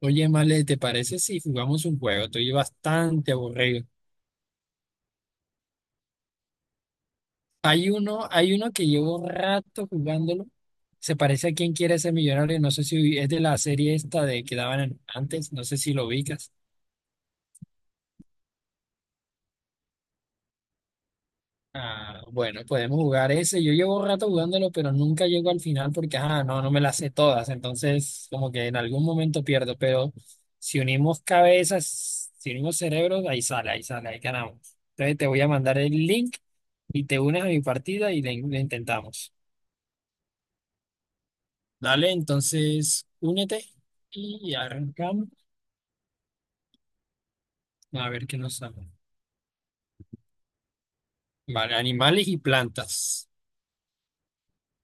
Oye, Male, ¿te parece si jugamos un juego? Estoy bastante aburrido. Hay uno que llevo rato jugándolo. Se parece a Quién quiere ser millonario. No sé si es de la serie esta de que daban en- antes. No sé si lo ubicas. Ah, bueno, podemos jugar ese. Yo llevo rato jugándolo, pero nunca llego al final porque, no, no me las sé todas. Entonces, como que en algún momento pierdo, pero si unimos cabezas, si unimos cerebros, ahí sale, ahí sale, ahí ganamos. Entonces, te voy a mandar el link y te unes a mi partida y le intentamos. Dale, entonces, únete y arrancamos. A ver qué nos sale. Vale, animales y plantas.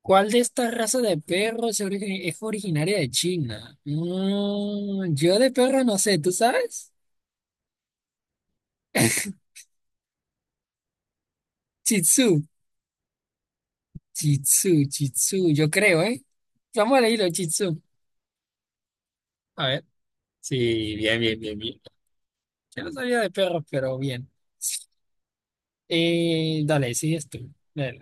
¿Cuál de esta raza de perros es originaria de China? Mm, yo de perro no sé, ¿tú sabes? Shih Tzu, Shih Tzu, Shih Tzu, yo creo, ¿eh? Vamos a leerlo, Shih Tzu. A ver. Sí, bien, bien, bien, bien. Yo no sabía de perros, pero bien. Dale, sigues tú. Dale.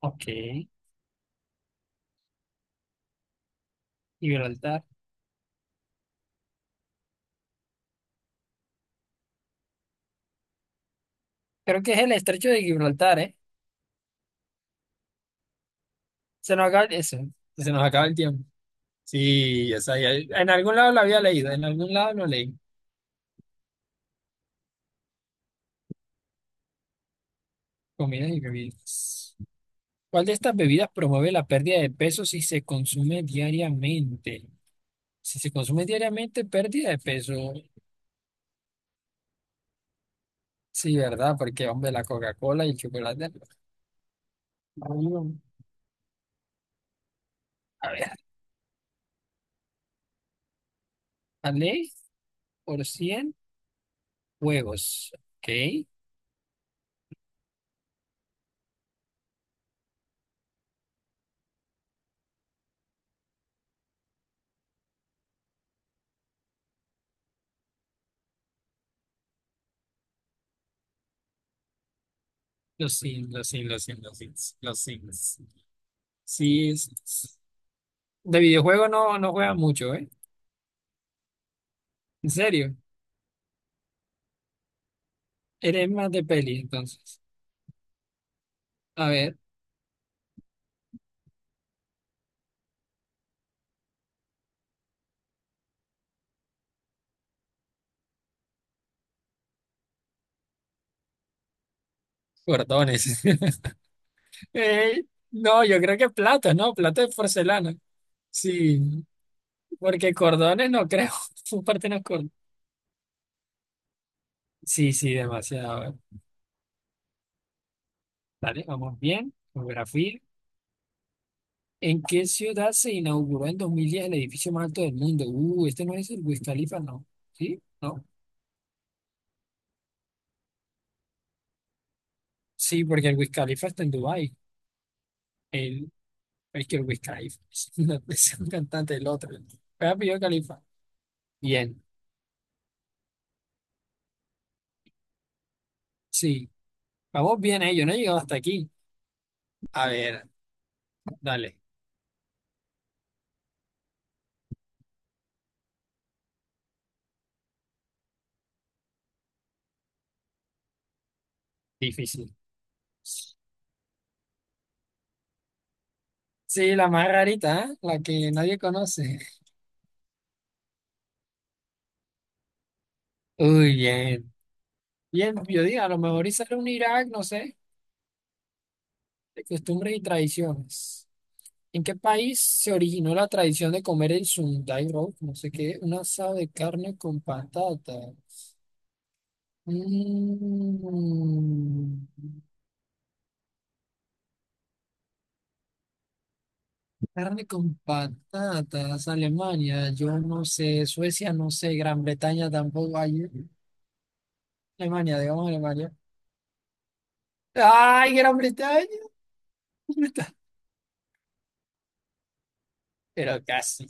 Ok, Gibraltar. Creo que es el estrecho de Gibraltar, ¿eh? Se nos acaba eso. Se nos acaba el tiempo. Sí, o sea, ya- en algún lado lo había leído, en algún lado lo leí. Comidas y bebidas. ¿Cuál de estas bebidas promueve la pérdida de peso si se consume diariamente? Si se consume diariamente, pérdida de peso. Sí, ¿verdad? Porque, hombre, la Coca-Cola y el chocolate, no. A ver, ¿vale? Por 100 huevos. ¿Ok? Los sims, los sims, los sims, los sims, los sims. Sí, es- de videojuego no juega mucho, ¿eh? En serio. Eres más de peli, entonces. A ver, cordones. Eh, no, yo creo que platos, ¿no? Platos de porcelana. Sí, porque cordones no creo. Su parte no es cordón. Sí, sí, demasiado. Vale, vamos bien. Geografía. ¿En qué ciudad se inauguró en 2010 el edificio más alto del mundo? Este no es el Wiz Khalifa, ¿no? ¿Sí? ¿No? Sí, porque el Wiz Khalifa está en Dubái. El, es que el Wiz Khalifa no, es un cantante del otro. Voy a Khalifa. Bien, sí. Vamos bien, eh. Yo no he llegado hasta aquí. A ver, dale. Difícil. Sí, la más rarita, ¿eh? La que nadie conoce. Uy, bien. Bien, yo digo, a lo mejor y sale un Irak, no sé, de costumbres y tradiciones. ¿En qué país se originó la tradición de comer el Sunday roll? No sé qué, un asado de carne con patata. Mm, carne con patatas, Alemania, yo no sé, Suecia no sé, Gran Bretaña tampoco hay. Alemania, digamos Alemania. ¡Ay, Gran Bretaña! Pero casi.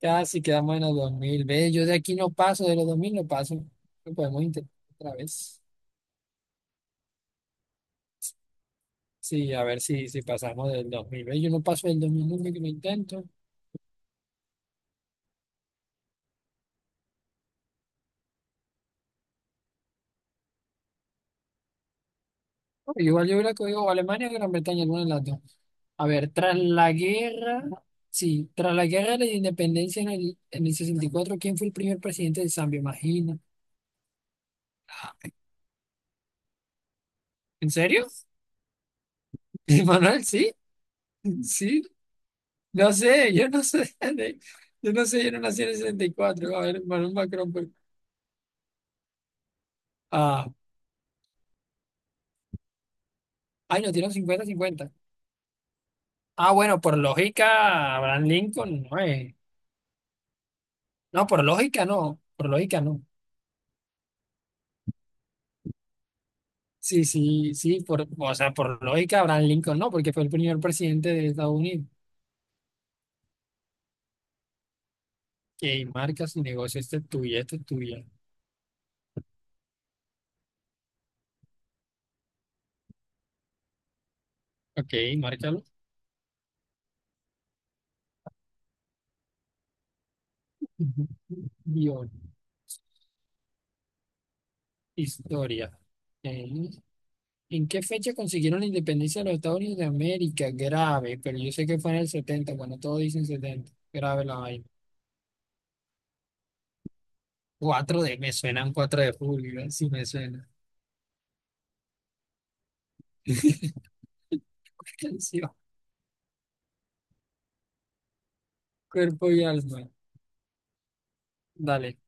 Casi quedamos en los 2000 Ve, yo de aquí no paso, de los 2000 no paso. Lo podemos intentar otra vez. Sí, a ver si pasamos del 2000 Ve, yo no paso del 2001 que lo intento. Pero igual yo hubiera cogido o Alemania o Gran Bretaña, alguna de las dos. A ver, tras la guerra, sí, tras la guerra de la independencia en el 64, ¿quién fue el primer presidente de Zambia? Imagina. ¿En serio? Manuel, sí, sí. No sé, yo no sé. Yo no sé, yo no nací en el 64. A ver, Manuel Macron, pues. Ah, Ay, no tiene un cincuenta. 50. Ah, bueno, por lógica, Abraham Lincoln no es. No, por lógica no. Por lógica no. Sí, sí, sí. Por, o sea, por lógica, Abraham Lincoln no, porque fue el primer presidente de Estados Unidos. Que marca su negocio. Este es tuyo, este es tuyo. Ok, márcalo. Ujú. Guión. Historia. Ok. ¿En qué fecha consiguieron la independencia de los Estados Unidos de América? Grave, pero yo sé que fue en el setenta, cuando todos dicen 70. Grave la vaina. Me suenan 4 de julio, ¿eh? Sí, me suena. Hipertensión, cuerpo y alma. Dale.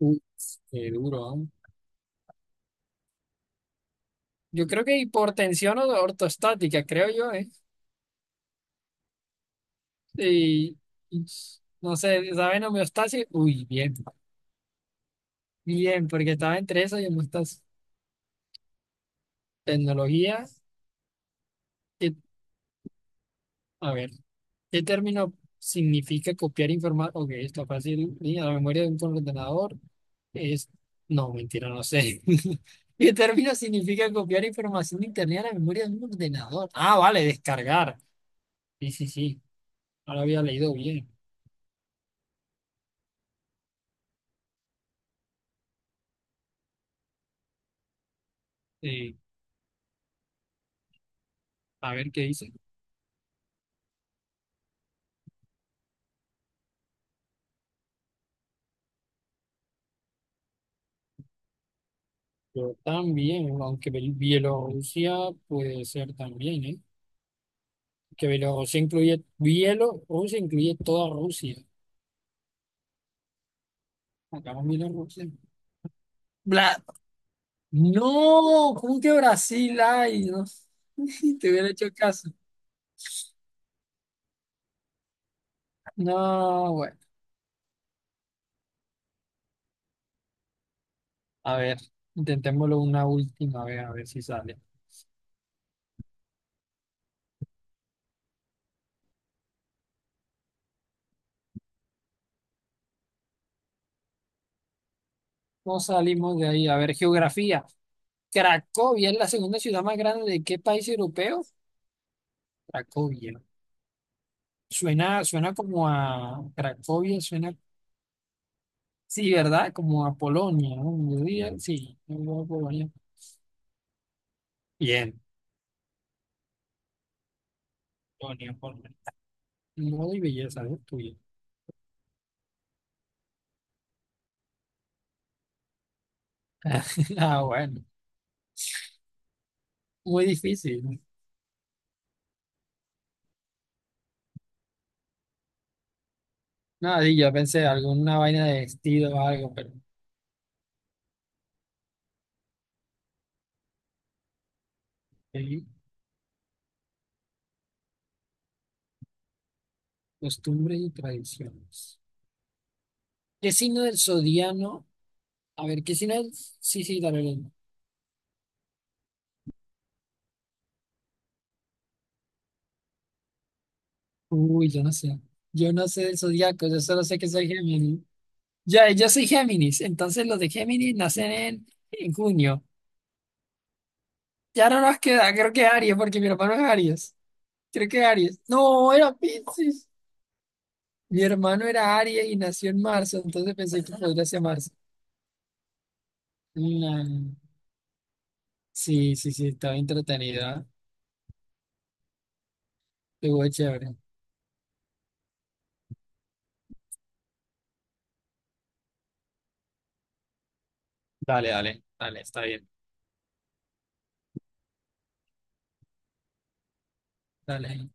Uy, qué duro, ¿ah? Yo creo que hipertensión o ortostática, creo yo, ¿eh? Y, y no sé, ¿saben homeostasis? Uy, bien, bien, porque estaba entre eso y homeostasis. Tecnología, que- a ver, ¿qué término significa copiar información? Ok, está fácil, ¿sí? A la memoria de un ordenador. Es, no, mentira, no sé. Y el término significa copiar información de internet a la memoria de un ordenador. Ah, vale, descargar. Sí, sí, sí. Ahora había leído bien. Eh, a ver qué dice. Yo también, aunque Bielorrusia puede ser también, ¿eh? Que Bielorrusia incluye toda Rusia. Acabamos Bielorrusia. Bla- no, ¿cómo que Brasil hay? No, te hubiera hecho caso. No, bueno. A ver, intentémoslo una última vez, a ver si sale. No salimos de ahí. A ver, geografía. ¿Cracovia es la segunda ciudad más grande de qué país europeo? Cracovia. Suena como a Cracovia, suena, sí, ¿verdad? Como a Polonia, ¿no? Yo diría, sí, yo digo a Polonia. Bien. Polonia, Polonia. Modo y belleza, ¿no? Tuyo. Ah, bueno. Muy difícil. Nada, y yo pensé alguna vaina de vestido o algo, pero sí, costumbres y tradiciones. ¿Qué signo del zodiano? A ver, ¿qué signo es? Sí, sí, dale, dale. Uy, yo no sé. Yo no sé del zodiaco, yo solo sé que soy Géminis. Ya, yo soy Géminis, entonces los de Géminis nacen en junio. Ya no nos queda, creo que Aries, porque mi hermano es Aries. Creo que Aries. No, era Piscis. Mi hermano era Aries y nació en marzo, entonces pensé que podría ser marzo. Mm, sí, sí, sí, estaba entretenido, ¿eh? Estuvo chévere. Dale, dale, dale, está bien. Dale.